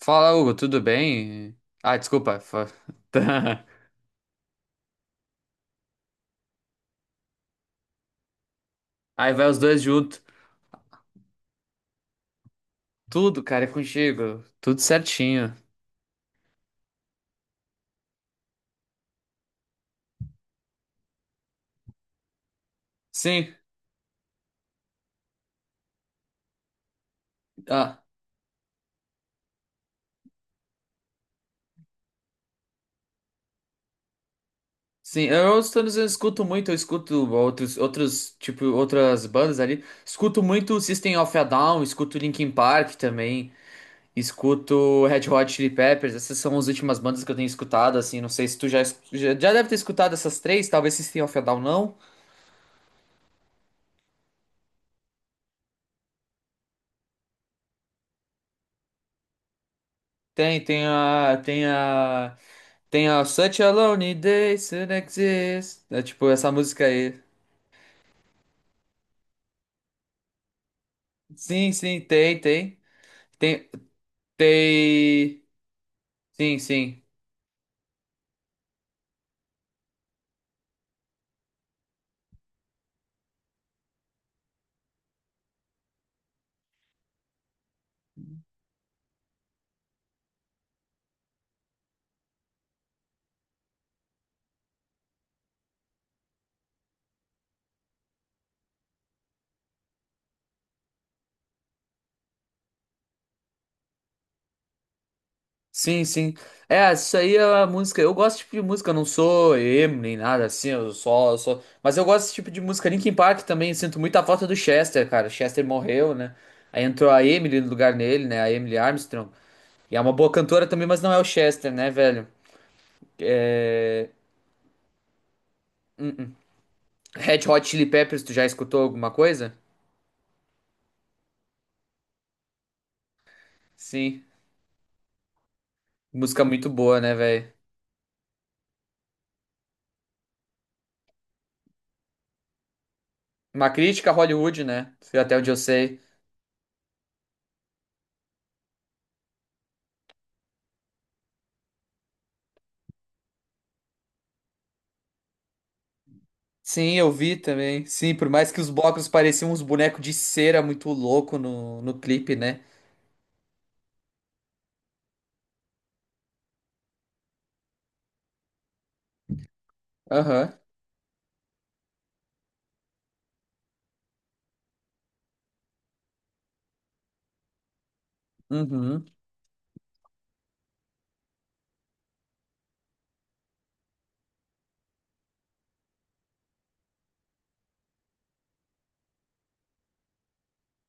Fala, Hugo, tudo bem? Ah, desculpa. Tá. Aí vai os dois junto. Tudo, cara, é contigo. Tudo certinho. Sim, ah, sim. Eu os dizendo, eu escuto muito, eu escuto outros, tipo, outras bandas ali. Escuto muito System of a Down, escuto Linkin Park também. Escuto Red Hot Chili Peppers. Essas são as últimas bandas que eu tenho escutado, assim. Não sei se tu já, já deve ter escutado essas três, talvez System of a Down não. Tem, tem a Tem a Such a Lonely Day Soon Exists. É tipo essa música aí. Sim, sim, tem, tem. Tem, tem. Sim, sim. Sim, sim. É, isso aí é a música. Eu gosto desse tipo de música, eu não sou emo nem nada assim, eu só. Mas eu gosto desse tipo de música. Linkin Park também, sinto muita falta do Chester, cara. Chester morreu, né? Aí entrou a Emily no lugar dele, né? A Emily Armstrong. E é uma boa cantora também, mas não é o Chester, né, velho? É... Red Hot Chili Peppers, tu já escutou alguma coisa? Sim. Música muito boa, né, velho? Uma crítica a Hollywood, né? Foi até onde eu sei. Sim, eu vi também. Sim, por mais que os blocos pareciam uns bonecos de cera muito louco no clipe, né? Aham. Uhum.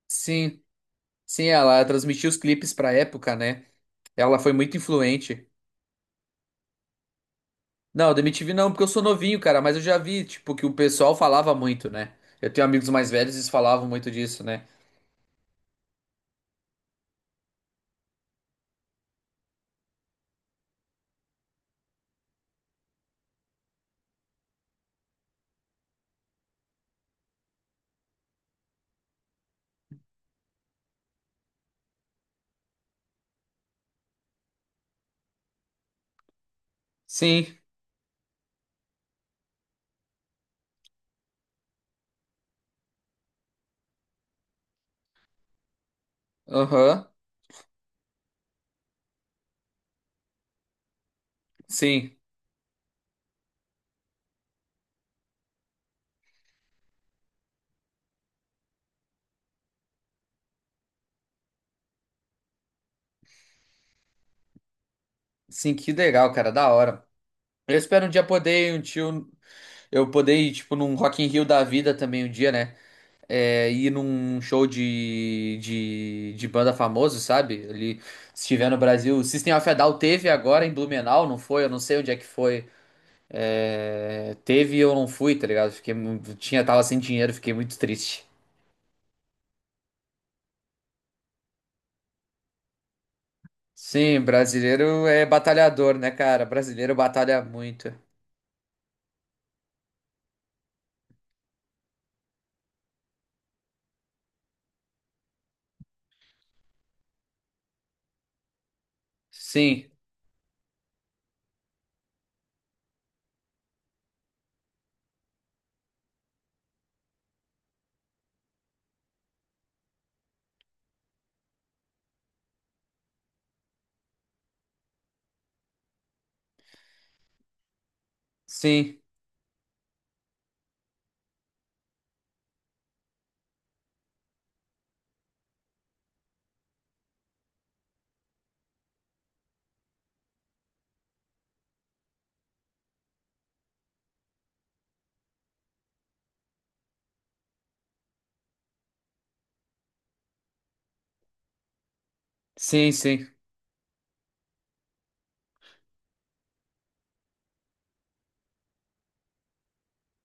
Sim. Sim, ela transmitiu os clipes pra época, né? Ela foi muito influente. Não, da MTV não, porque eu sou novinho, cara, mas eu já vi, tipo, que o pessoal falava muito, né? Eu tenho amigos mais velhos e eles falavam muito disso, né? Sim. Aham. Sim. Sim, que legal, cara, da hora. Eu espero um dia poder ir um tio. Eu poder ir, tipo, num Rock in Rio da vida também um dia, né? É, ir num show de banda famoso, sabe? Ali, se estiver no Brasil. System of a Down teve agora em Blumenau, não foi? Eu não sei onde é que foi. É, teve e eu não fui, tá ligado? Fiquei, tinha, tava sem dinheiro, fiquei muito triste. Sim, brasileiro é batalhador, né, cara? Brasileiro batalha muito. Sim, sim, sim, sim.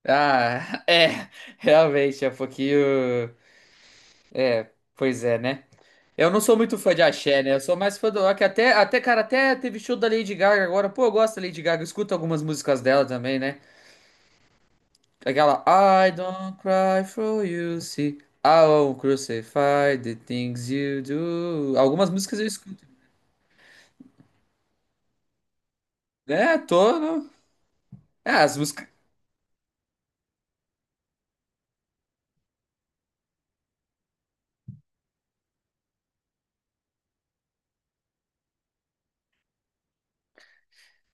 Ah, é, realmente, é um pouquinho. Pois é, né? Eu não sou muito fã de axé, né? Eu sou mais fã do rock. Até, cara, até teve show da Lady Gaga agora. Pô, eu gosto da Lady Gaga. Eu escuto algumas músicas dela também, né? Aquela I don't cry for you, see. I won't crucify the things you do. Algumas músicas eu escuto. É, tô. É, as músicas.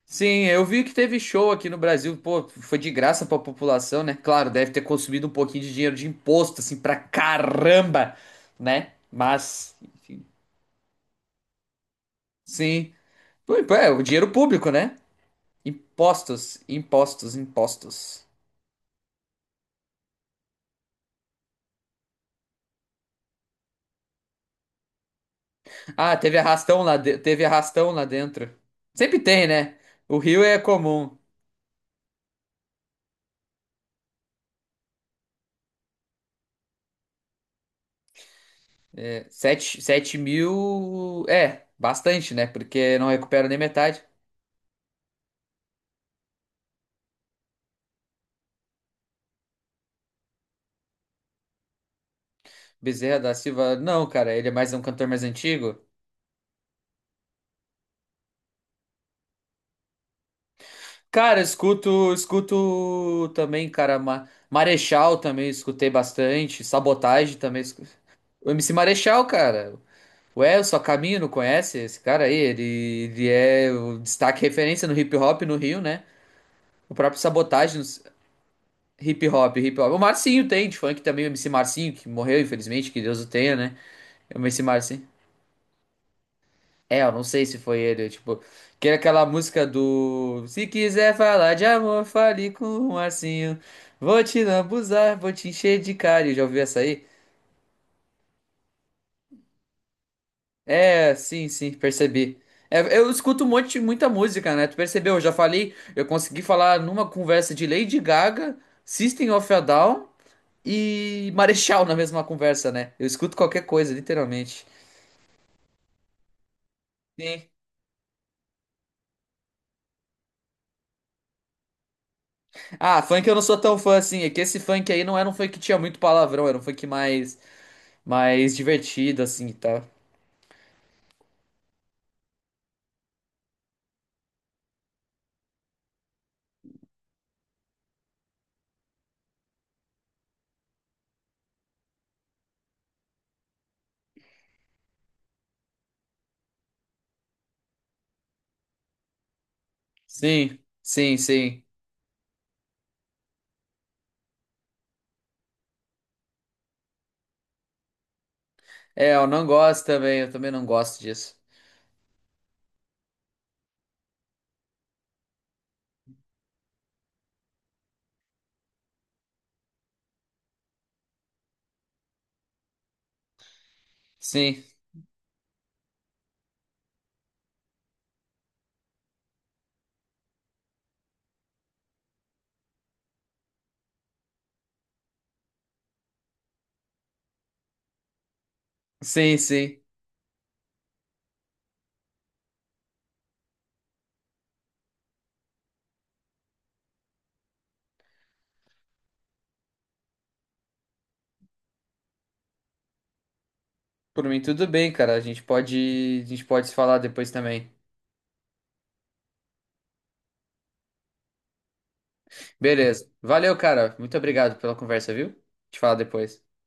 Sim, eu vi que teve show aqui no Brasil. Pô, foi de graça pra população, né? Claro, deve ter consumido um pouquinho de dinheiro de imposto, assim, pra caramba, né? Mas, enfim. Sim. Ui, pô, é, o dinheiro público, né? Impostos, impostos, impostos. Ah, teve arrastão lá, teve arrastão lá dentro. Sempre tem, né? O Rio é comum. É, sete, sete mil é bastante, né? Porque não recupera nem metade. Bezerra da Silva, não, cara, ele é mais um cantor mais antigo. Cara, eu escuto, escuto também, cara, Marechal também escutei bastante, Sabotagem também. O MC Marechal, cara, ué, o Caminho, não conhece esse cara aí? Ele é o destaque referência no hip hop no Rio, né? O próprio Sabotagem no. Hip hop, hip hop. O Marcinho tem, de funk também, o MC Marcinho, que morreu, infelizmente, que Deus o tenha, né? É o MC Marcinho. É, eu não sei se foi ele, tipo, que era aquela música do Se quiser falar de amor, fale com o Marcinho. Vou te lambuzar, vou te encher de carinho. Já ouviu essa aí? É, sim, sim, percebi. É, eu escuto um monte, muita música, né? Tu percebeu? Eu já falei, eu consegui falar numa conversa de Lady Gaga, System of a Down e Marechal na mesma conversa, né? Eu escuto qualquer coisa, literalmente. Sim. Ah, funk eu não sou tão fã assim. É que esse funk aí não era um funk que tinha muito palavrão, era um funk mais, mais divertido, assim, tá? Sim, sim, sim. É, eu não gosto também, eu também não gosto disso. Sim, sim, sim. Por mim, tudo bem, cara. A gente pode se falar depois também. Beleza. Valeu, cara. Muito obrigado pela conversa, viu? Te falo depois.